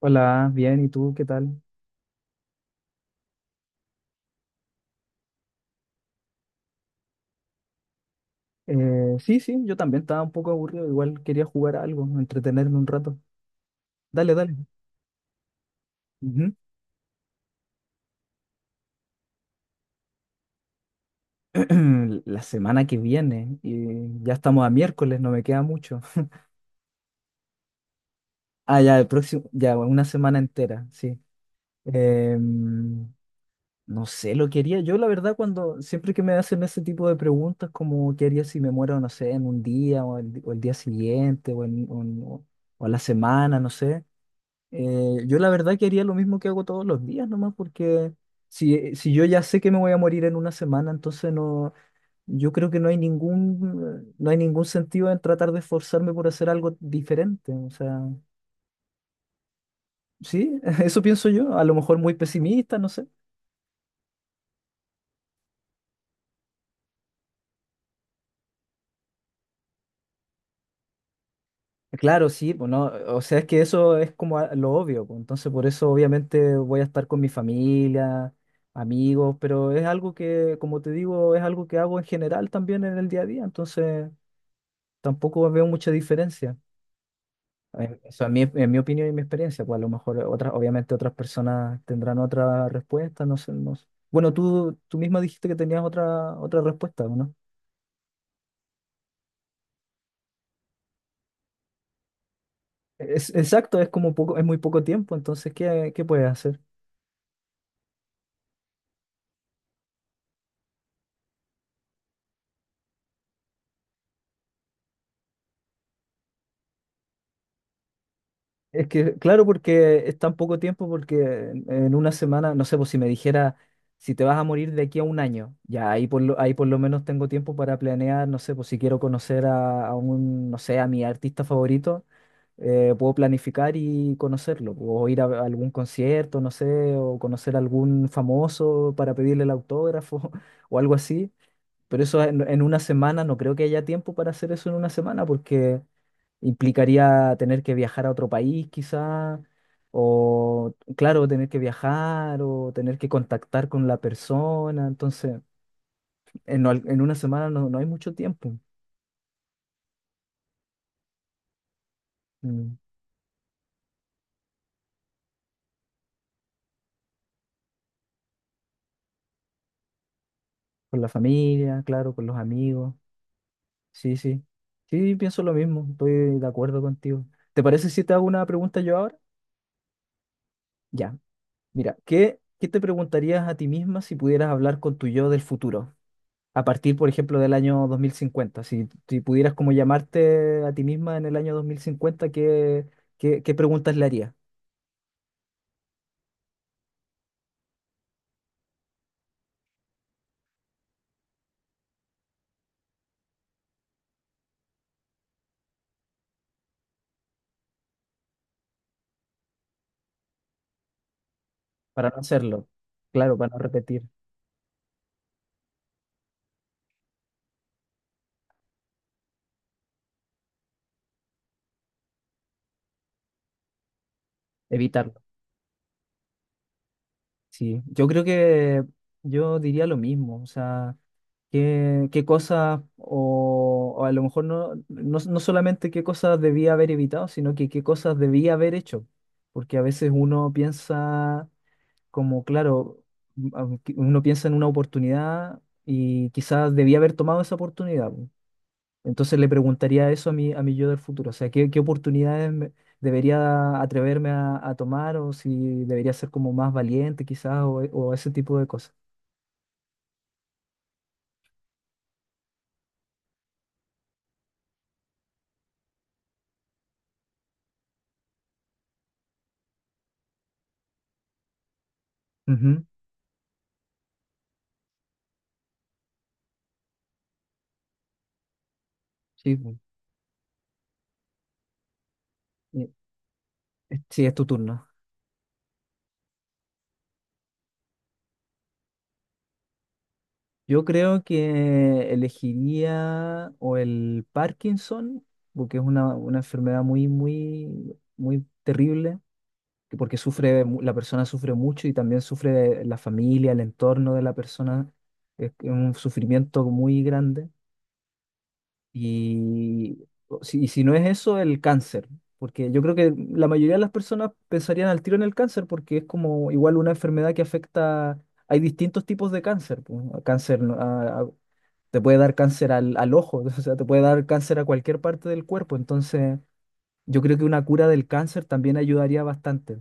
Hola, bien, ¿y tú qué tal? Sí, sí, yo también estaba un poco aburrido, igual quería jugar a algo, entretenerme un rato. Dale, dale. Ujú. La semana que viene, y ya estamos a miércoles, no me queda mucho. Ah, ya, el próximo, ya, una semana entera, sí. Em, no sé, lo quería yo, la verdad, cuando siempre que me hacen ese tipo de preguntas, como qué haría si me muero, no sé, en un día o el día siguiente o a la semana, no sé. Yo la verdad que haría lo mismo que hago todos los días nomás, porque si yo ya sé que me voy a morir en una semana, entonces no, yo creo que no hay ningún sentido en tratar de esforzarme por hacer algo diferente. O sea, sí, eso pienso yo, a lo mejor muy pesimista, no sé. Claro, sí, pues no, o sea, es que eso es como lo obvio, pues, entonces por eso obviamente voy a estar con mi familia, amigos, pero es algo que, como te digo, es algo que hago en general también en el día a día, entonces tampoco veo mucha diferencia. O sea, en mi opinión y mi experiencia, pues a lo mejor otras, obviamente otras personas tendrán otra respuesta, no sé, no sé. Bueno, tú misma dijiste que tenías otra respuesta, ¿o ¿no? Es, exacto, es como poco, es muy poco tiempo, entonces, ¿qué puedes hacer? Es que, claro, porque es tan poco tiempo, porque en una semana, no sé, pues si me dijera, si te vas a morir de aquí a un año, ya ahí por lo menos tengo tiempo para planear, no sé, pues si quiero conocer a un, no sé, a mi artista favorito, puedo planificar y conocerlo, o ir a algún concierto, no sé, o conocer a algún famoso para pedirle el autógrafo o algo así. Pero eso en una semana, no creo que haya tiempo para hacer eso en una semana, porque implicaría tener que viajar a otro país quizá, o claro, tener que viajar o tener que contactar con la persona. Entonces, en una semana no, no hay mucho tiempo. Mm. Con la familia, claro, con los amigos. Sí, sí. Sí, pienso lo mismo, estoy de acuerdo contigo. ¿Te parece si te hago una pregunta yo ahora? Ya. Mira, ¿qué te preguntarías a ti misma si pudieras hablar con tu yo del futuro? A partir, por ejemplo, del año 2050. Si, si pudieras como llamarte a ti misma en el año 2050, ¿qué preguntas le harías? Para no hacerlo. Claro, para no repetir, evitarlo. Sí, yo creo que yo diría lo mismo. O sea, qué cosas, o a lo mejor no, no, no solamente qué cosas debía haber evitado, sino que qué cosas debía haber hecho. Porque a veces uno piensa como, claro, aunque uno piensa en una oportunidad y quizás debía haber tomado esa oportunidad, po. Entonces le preguntaría eso a a mi yo del futuro. O sea, ¿qué oportunidades debería atreverme a tomar o si debería ser como más valiente quizás o ese tipo de cosas? Ujú. Sí, po. Eh, Sí, es tu turno. Yo creo que elegiría o el Parkinson, porque es una enfermedad muy, muy, muy terrible, que porque sufre, la persona sufre mucho y también sufre la familia, el entorno de la persona. Es que es un sufrimiento muy grande. Y o si, y si no es eso, el cáncer, porque yo creo que la mayoría de las personas pensarían al tiro en el cáncer, porque es como igual una enfermedad que afecta, hay distintos tipos de cáncer, pues, cáncer, ¿no? Te puede dar cáncer al ojo, o sea, te puede dar cáncer a cualquier parte del cuerpo. Entonces, yo creo que una cura del cáncer también ayudaría bastante,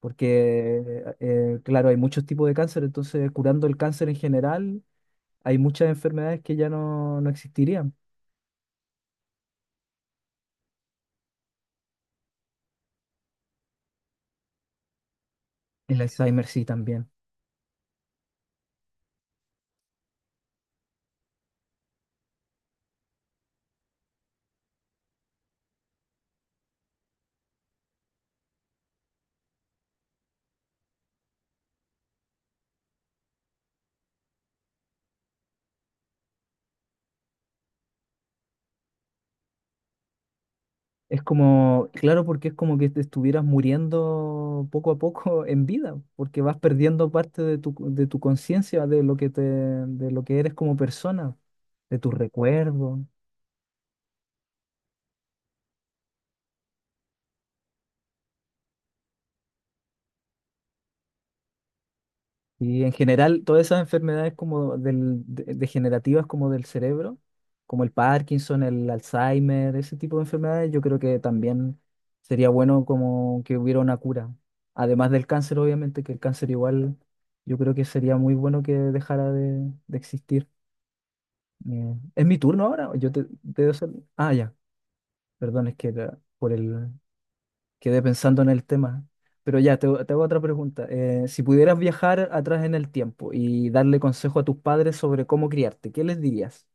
porque, claro, hay muchos tipos de cáncer, entonces curando el cáncer en general, hay muchas enfermedades que no existirían. El Alzheimer sí también. Es como, claro, porque es como que te estuvieras muriendo poco a poco en vida, porque vas perdiendo parte de de tu conciencia, de lo que de lo que eres como persona, de tus recuerdos. Y en general, todas esas enfermedades como degenerativas como del cerebro, como el Parkinson, el Alzheimer, ese tipo de enfermedades, yo creo que también sería bueno como que hubiera una cura. Además del cáncer, obviamente, que el cáncer igual, yo creo que sería muy bueno que dejara de existir. ¿Es mi turno ahora? Yo te, te doy- Ah, ya, perdón, es que era Quedé pensando en el tema. Pero ya, te hago otra pregunta. Si pudieras viajar atrás en el tiempo y darle consejo a tus padres sobre cómo criarte, ¿qué les dirías?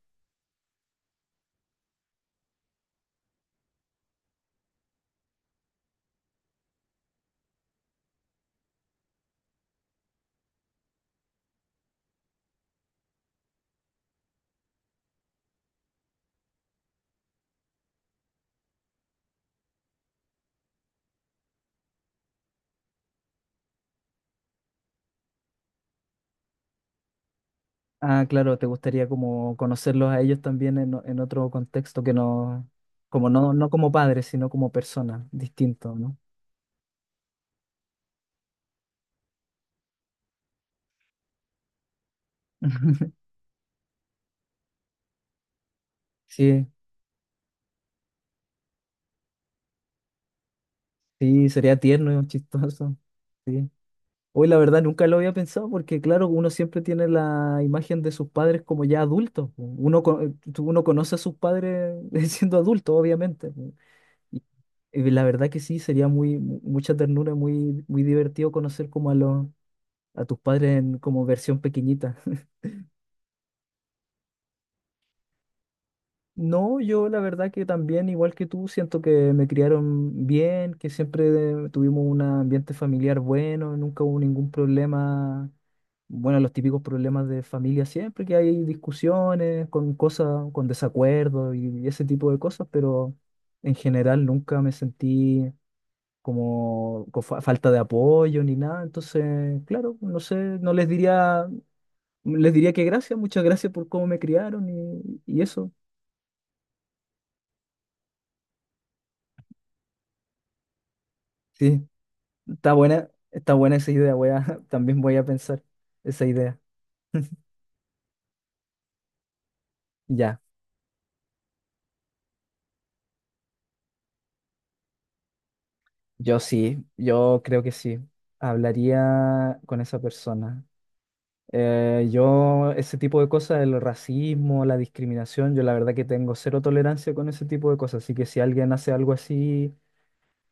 Ah, claro, te gustaría como conocerlos a ellos también en otro contexto que no, como no, no como padres, sino como personas, distinto, ¿no? Sí, sí, sería tierno y chistoso. Sí. Hoy la verdad nunca lo había pensado porque claro, uno siempre tiene la imagen de sus padres como ya adultos, po. Uno conoce a sus padres siendo adultos, obviamente, po. Y, y la verdad que sí, sería mucha ternura, muy, muy divertido conocer como a los, a tus padres en como versión pequeñita. No, yo la verdad que también, igual que tú, siento que me criaron bien, que siempre tuvimos un ambiente familiar bueno, nunca hubo ningún problema, bueno, los típicos problemas de familia siempre, que hay discusiones con cosas, con desacuerdos y ese tipo de cosas, pero en general nunca me sentí como falta de apoyo ni nada, entonces, claro, no sé, no les diría, les diría que gracias, muchas gracias por cómo me criaron y eso, sí. Está buena esa idea, también voy a pensar esa idea. Ya, yo sí, yo creo que sí. Hablaría con esa persona. Ese tipo de cosas, el racismo, la discriminación, yo la verdad que tengo cero tolerancia con ese tipo de cosas. Así que si alguien hace algo así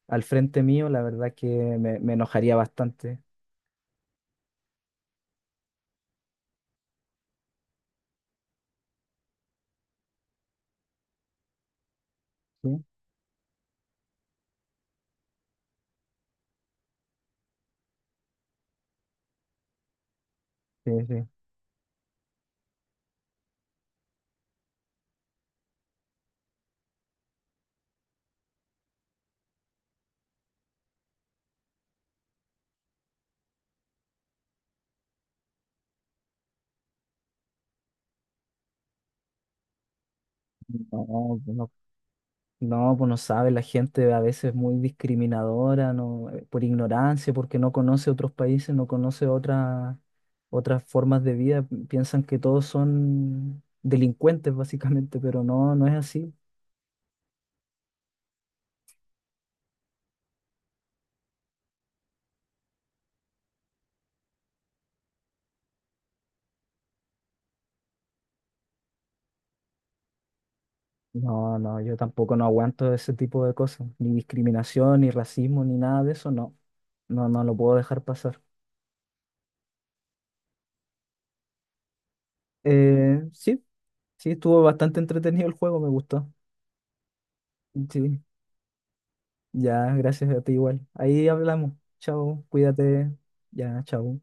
al frente mío, la verdad que me enojaría bastante. Sí, sí, sí. No, no. No, pues no sabe, la gente a veces es muy discriminadora, no, por ignorancia, porque no conoce otros países, no conoce otras formas de vida, piensan que todos son delincuentes básicamente, pero no, no es así. No, no, yo tampoco no aguanto ese tipo de cosas, ni discriminación, ni racismo, ni nada de eso, no, no, no lo puedo dejar pasar. Sí, sí, estuvo bastante entretenido el juego, me gustó. Sí. Ya, gracias a ti igual. Ahí hablamos. Chao, cuídate. Ya, chao.